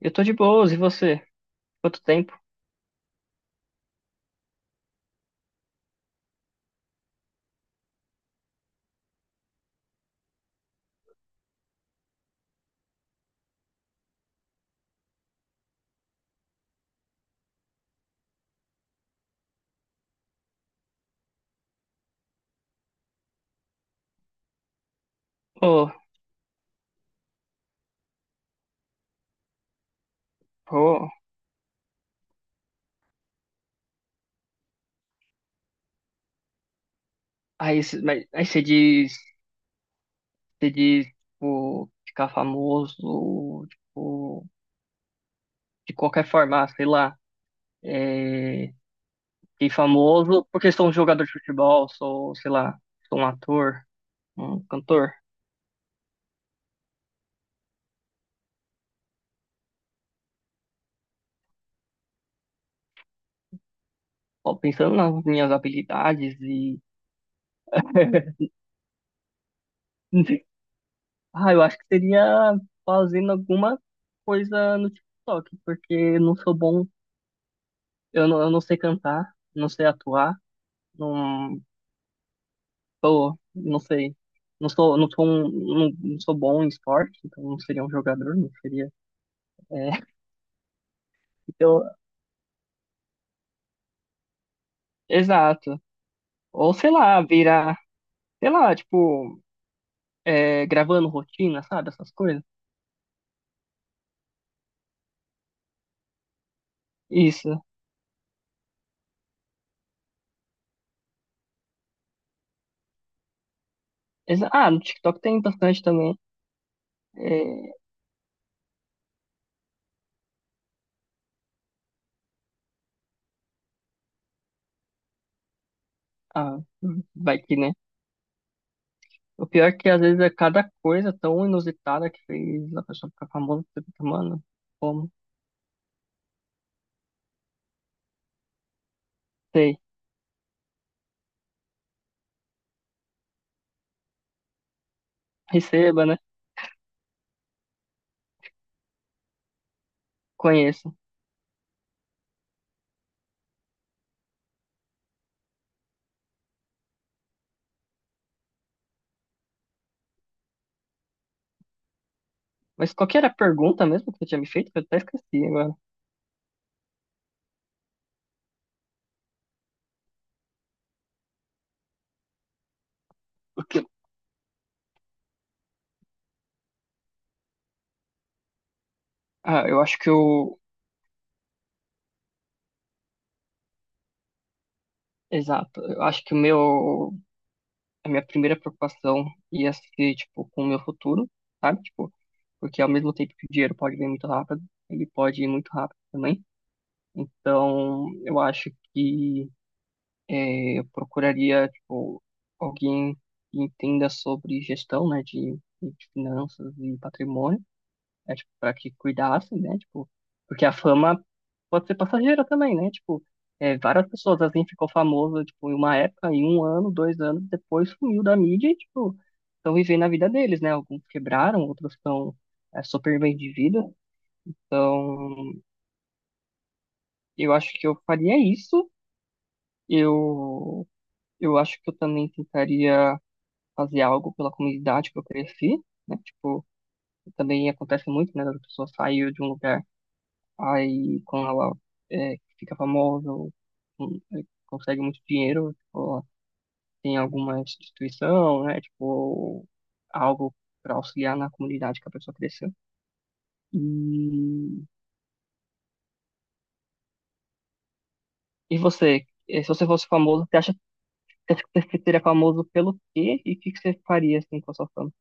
Eu tô de boas, e você? Quanto tempo? Oh, oh. Aí você diz, tipo, ficar famoso, tipo, de qualquer forma, ah, sei lá. É, fiquei famoso porque sou um jogador de futebol, sou, sei lá, sou um ator, um cantor. Ó, pensando nas minhas habilidades e... Ah, eu acho que seria fazendo alguma coisa no TikTok, porque eu não sou bom, eu não sei cantar, não sei atuar. Não, tô, não sei. Não sou bom em esporte, então não seria um jogador, não seria. É, então, exato. Ou sei lá, virar, sei lá, tipo, é, gravando rotina, sabe? Essas coisas. Isso. No TikTok tem bastante também. É, ah, vai que, né? O pior é que às vezes é cada coisa tão inusitada que fez a pessoa ficar famosa, você fica, mano, como? Sei. Receba, né? Conheço. Mas qual que era a pergunta mesmo que você tinha me feito? Que eu até esqueci agora. O que- Ah, eu acho que o. Exato. Eu acho que o meu. A minha primeira preocupação ia ser, tipo, com o meu futuro, sabe? Tipo, porque ao mesmo tempo que o dinheiro pode vir muito rápido, ele pode ir muito rápido também. Então, eu acho que é, eu procuraria, tipo, alguém que entenda sobre gestão, né, de finanças e patrimônio. Né, tipo, para que cuidassem, né, tipo, porque a fama pode ser passageira também, né, tipo, é, várias pessoas assim ficou famosa, tipo, em uma época, em um ano, dois anos, depois sumiu da mídia e, tipo, estão vivendo a vida deles, né, alguns quebraram, outros estão super bem de vida, então, eu acho que eu faria isso, eu, eu acho que eu também tentaria fazer algo pela comunidade que eu cresci, né, tipo, também acontece muito, né, das pessoas saírem de um lugar. Aí quando ela é, fica famosa, ou, é, consegue muito dinheiro, tipo, ela tem alguma instituição, né? Tipo, algo para auxiliar na comunidade que a pessoa cresceu. E, e você, se você fosse famoso, você acha que você seria famoso pelo quê? E o que que você faria assim com a sua fama?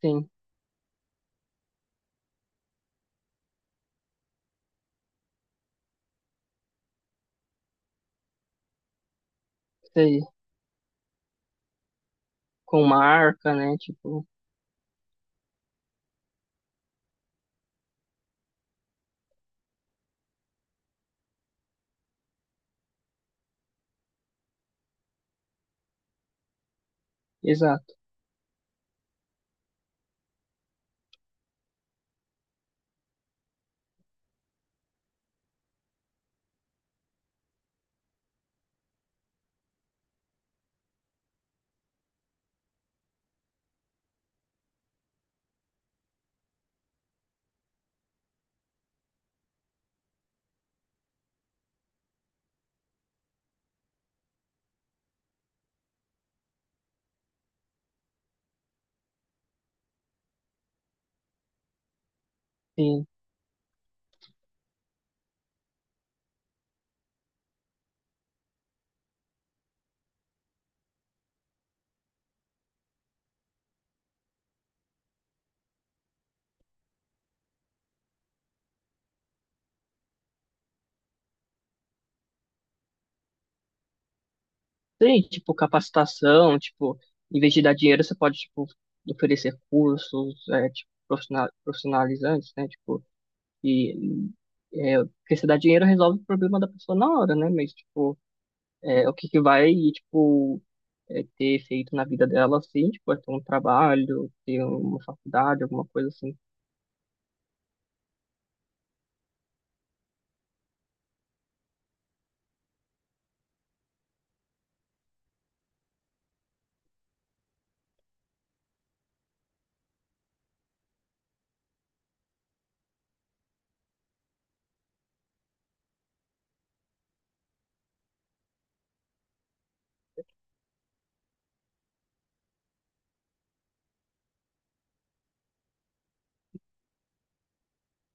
Sim, sei. Com marca, né? Tipo, exato. Sim. Tem, tipo, capacitação, tipo, em vez de dar dinheiro, você pode, tipo, oferecer cursos, é, tipo, profissional- profissionalizantes, né? Tipo, e, porque se dá dinheiro, resolve o problema da pessoa na hora, né? Mas, tipo, o que que vai, tipo, é, ter efeito na vida dela, assim, tipo, é ter um trabalho, ter uma faculdade, alguma coisa assim.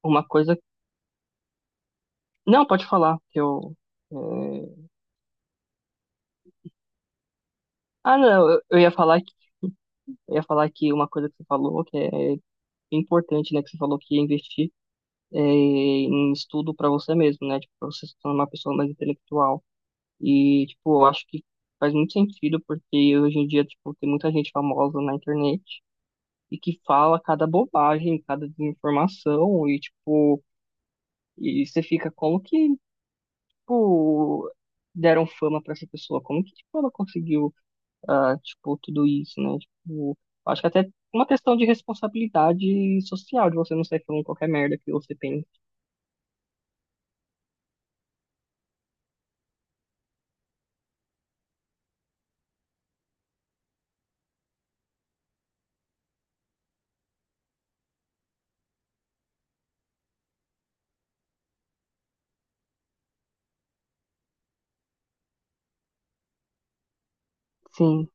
Uma coisa... Não, pode falar, que eu... é, ah, não, eu ia falar que, eu ia falar que uma coisa que você falou, que é importante, né? Que você falou que investir é, em estudo para você mesmo, né? Tipo, para você se tornar uma pessoa mais intelectual. E, tipo, eu acho que faz muito sentido, porque hoje em dia, tipo, tem muita gente famosa na internet e que fala cada bobagem, cada desinformação, e, tipo, e você fica como que, tipo, deram fama para essa pessoa? Como que, tipo, ela conseguiu, ah, tipo, tudo isso, né? Tipo, acho que até uma questão de responsabilidade social, de você não sair falando qualquer merda que você pensa. Sim,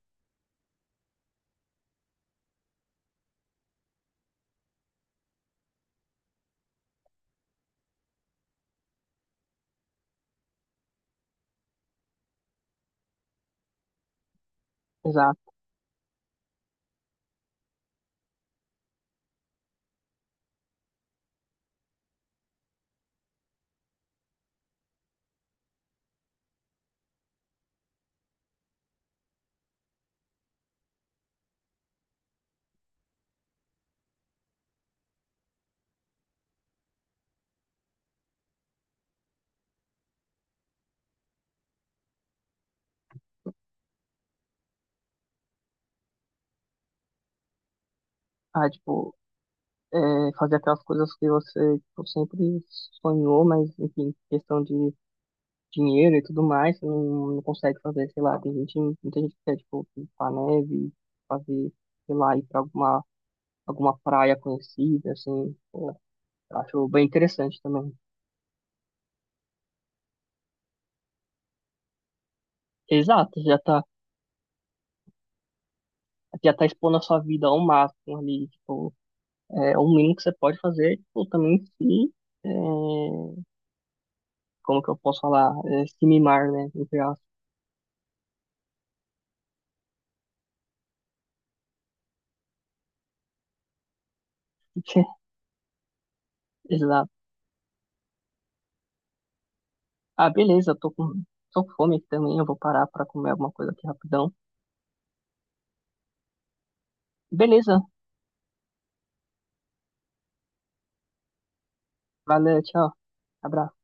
exato. Ah, tipo, é, fazer aquelas coisas que você tipo, sempre sonhou, mas, enfim, questão de dinheiro e tudo mais, você não, não consegue fazer, sei lá, tem gente, muita gente que quer, tipo, pintar neve, fazer, sei lá, ir pra alguma, alguma praia conhecida, assim, pô, eu acho bem interessante também. Exato, já tá expondo a sua vida ao máximo ali, tipo, é, o mínimo que você pode fazer, tipo, também se, é, como que eu posso falar, é, se mimar, né, entre aspas, exato. Ah, beleza, eu tô com fome aqui também. Eu vou parar pra comer alguma coisa aqui rapidão. Beleza, valeu, tchau, abraço.